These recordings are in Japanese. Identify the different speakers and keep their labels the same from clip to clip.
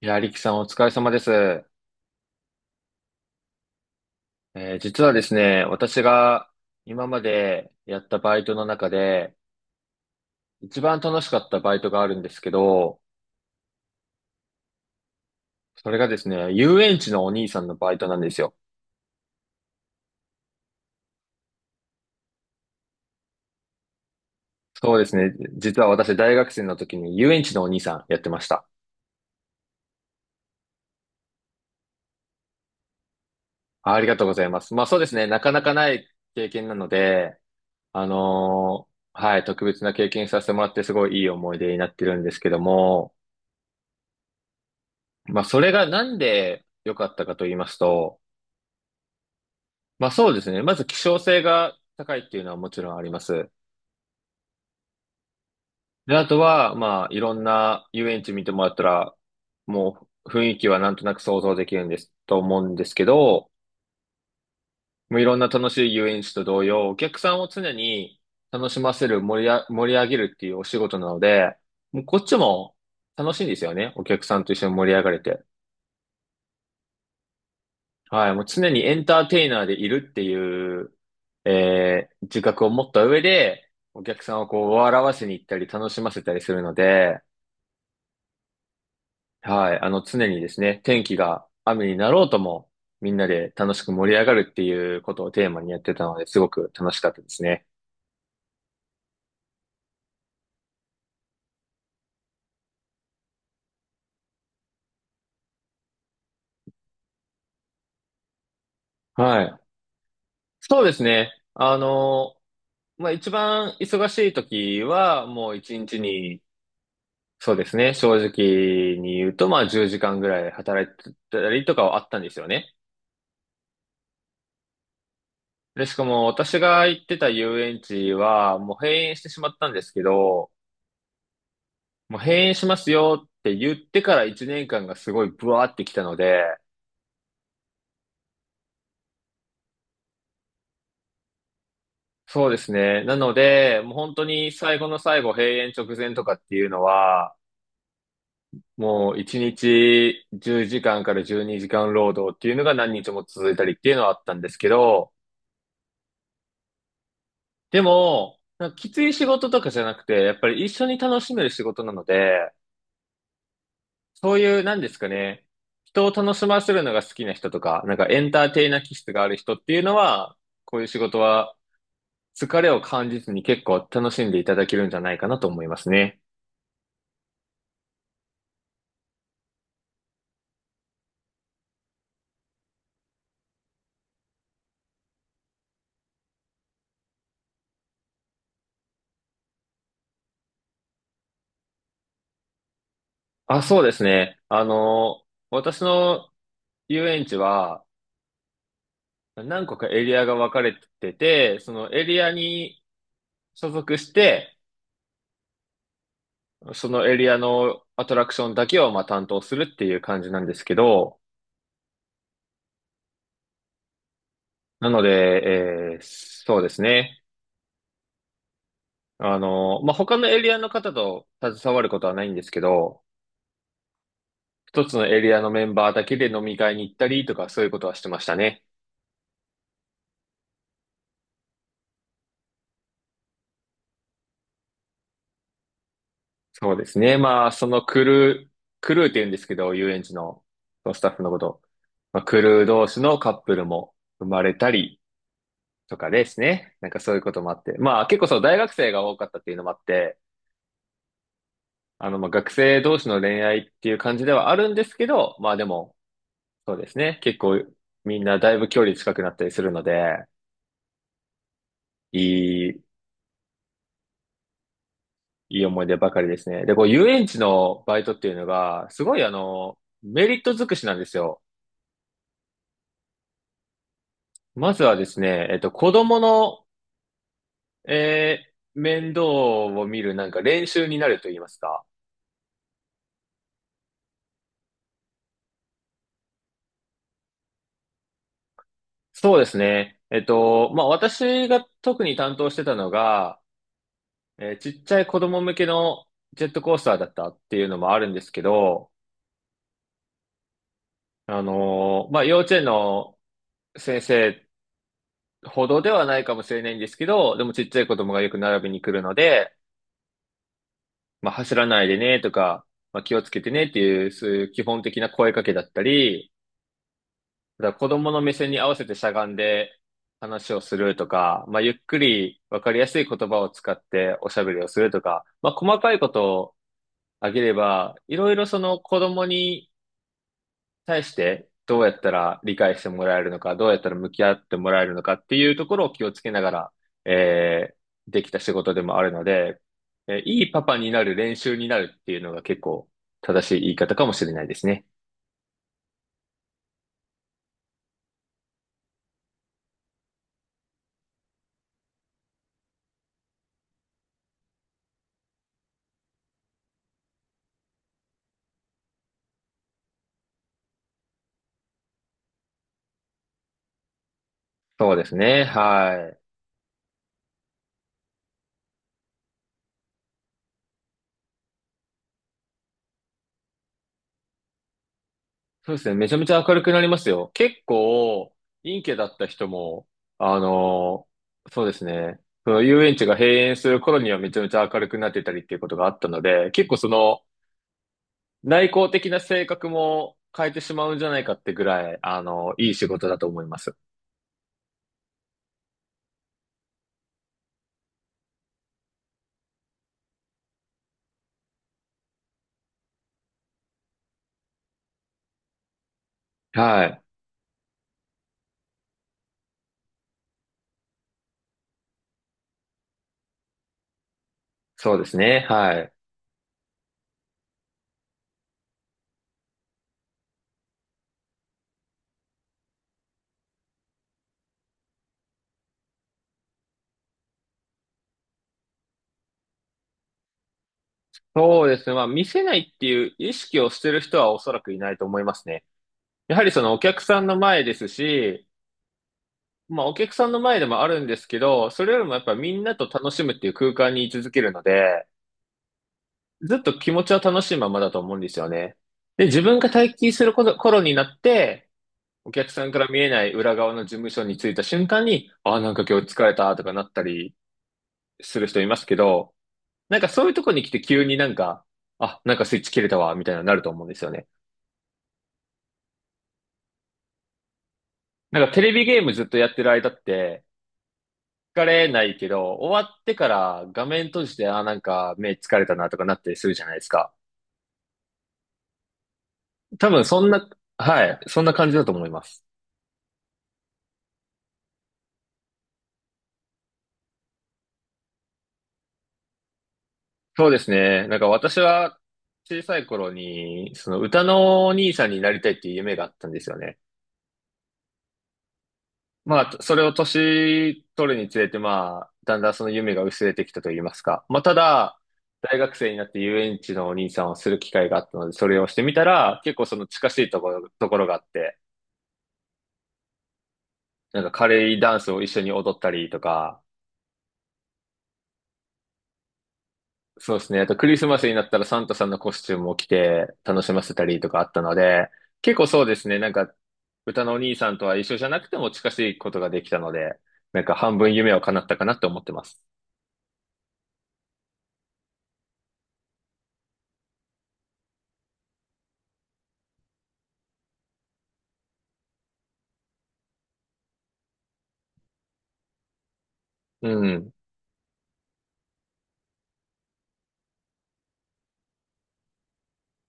Speaker 1: いや、リキさんお疲れ様です。実はですね、私が今までやったバイトの中で、一番楽しかったバイトがあるんですけど、それがですね、遊園地のお兄さんのバイトなんですよ。そうですね、実は私大学生の時に遊園地のお兄さんやってました。あありがとうございます。まあそうですね、なかなかない経験なので、はい、特別な経験させてもらってすごいいい思い出になってるんですけども、まあそれがなんで良かったかと言いますと、まあそうですね。まず希少性が高いっていうのはもちろんあります。で、あとは、まあいろんな遊園地見てもらったら、もう雰囲気はなんとなく想像できるんです、と思うんですけど、もういろんな楽しい遊園地と同様、お客さんを常に楽しませる、盛り上げるっていうお仕事なので、もうこっちも楽しいんですよね。お客さんと一緒に盛り上がれて。はい、もう常にエンターテイナーでいるっていう、自覚を持った上で、お客さんをこう笑わせに行ったり楽しませたりするので、はい、あの常にですね、天気が雨になろうとも、みんなで楽しく盛り上がるっていうことをテーマにやってたので、すごく楽しかったですね。はい。そうですね。あの、まあ、一番忙しい時は、もう一日に、そうですね、正直に言うと、まあ、10時間ぐらい働いてたりとかはあったんですよね。で、しかも私が行ってた遊園地は、もう閉園してしまったんですけど、もう閉園しますよって言ってから1年間がすごいブワーってきたので、そうですね。なので、もう本当に最後の最後、閉園直前とかっていうのは、もう1日10時間かんから12時間労働っていうのが何日も続いたりっていうのはあったんですけど、でも、なんかきつい仕事とかじゃなくて、やっぱり一緒に楽しめる仕事なので、そういう、なんですかね、人を楽しませるのが好きな人とか、なんかエンターテイナー気質がある人っていうのは、こういう仕事は疲れを感じずに結構楽しんでいただけるんじゃないかなと思いますね。あ、そうですね。あの、私の遊園地は何個かエリアが分かれてて、そのエリアに所属して、そのエリアのアトラクションだけをまあ担当するっていう感じなんですけど、なので、そうですね。あの、まあ、他のエリアの方と携わることはないんですけど、一つのエリアのメンバーだけで飲み会に行ったりとかそういうことはしてましたね。そうですね。まあ、クルーって言うんですけど、遊園地のそのスタッフのこと。まあ、クルー同士のカップルも生まれたりとかですね。なんかそういうこともあって。まあ、結構そう、大学生が多かったっていうのもあって、あの、まあ、学生同士の恋愛っていう感じではあるんですけど、まあでも、そうですね。結構みんなだいぶ距離近くなったりするので、いい、いい思い出ばかりですね。で、こう、遊園地のバイトっていうのが、すごいあの、メリット尽くしなんですよ。まずはですね、子供の、面倒を見るなんか練習になると言いますか。そうですね。えっと、まあ、私が特に担当してたのが、ちっちゃい子供向けのジェットコースターだったっていうのもあるんですけど、まあ、幼稚園の先生ほどではないかもしれないんですけど、でもちっちゃい子供がよく並びに来るので、まあ、走らないでねとか、まあ、気をつけてねっていう、そういう基本的な声かけだったり、だから子供の目線に合わせてしゃがんで話をするとか、まあ、ゆっくりわかりやすい言葉を使っておしゃべりをするとか、まあ、細かいことをあげれば、いろいろその子供に対してどうやったら理解してもらえるのか、どうやったら向き合ってもらえるのかっていうところを気をつけながら、えできた仕事でもあるので、いいパパになる練習になるっていうのが結構正しい言い方かもしれないですね。そうですね。はい。そうですね。めちゃめちゃ明るくなりますよ。結構、陰キャだった人も、あのそうですね。その遊園地が閉園する頃にはめちゃめちゃ明るくなってたりっていうことがあったので、結構その、内向的な性格も変えてしまうんじゃないかってぐらい、あの、いい仕事だと思います。はい。そうですね。はい。そうですね。まあ、見せないっていう意識をしてる人はおそらくいないと思いますね。やはりそのお客さんの前ですし、まあ、お客さんの前でもあるんですけど、それよりもやっぱみんなと楽しむっていう空間に居続けるので、ずっと気持ちは楽しいままだと思うんですよね。で、自分が退勤する頃になって、お客さんから見えない裏側の事務所に着いた瞬間に、ああ、なんか今日疲れたとかなったりする人いますけど、なんかそういうとこに来て急になんか、あ、なんかスイッチ切れたわ、みたいなのになると思うんですよね。なんかテレビゲームずっとやってる間って、疲れないけど、終わってから画面閉じて、あなんか目疲れたなとかなったりするじゃないですか。多分そんな、はい、そんな感じだと思います。そうですね。なんか私は小さい頃に、その歌のお兄さんになりたいっていう夢があったんですよね。まあ、それを年取るにつれて、まあ、だんだんその夢が薄れてきたと言いますか。まあ、ただ、大学生になって遊園地のお兄さんをする機会があったので、それをしてみたら、結構その近しいところがあって、なんかカレーダンスを一緒に踊ったりとか、そうですね。あとクリスマスになったらサンタさんのコスチュームを着て楽しませたりとかあったので、結構そうですね。なんか、歌のお兄さんとは一緒じゃなくても近しいことができたので、なんか半分夢を叶ったかなって思ってます。うん。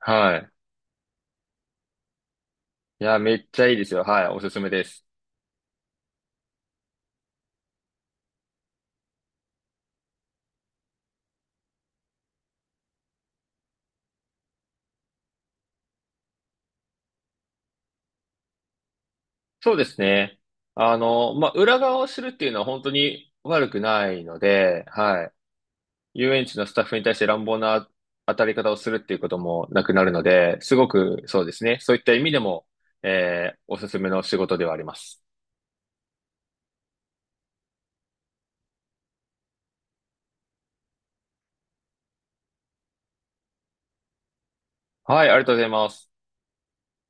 Speaker 1: はい。いや、めっちゃいいですよ。はい、おすすめです。そうですね。あの、まあ、裏側を知るっていうのは本当に悪くないので、はい。遊園地のスタッフに対して乱暴な当たり方をするっていうこともなくなるので、すごくそうですね。そういった意味でも、おすすめの仕事ではあります。はい、ありがとうございます。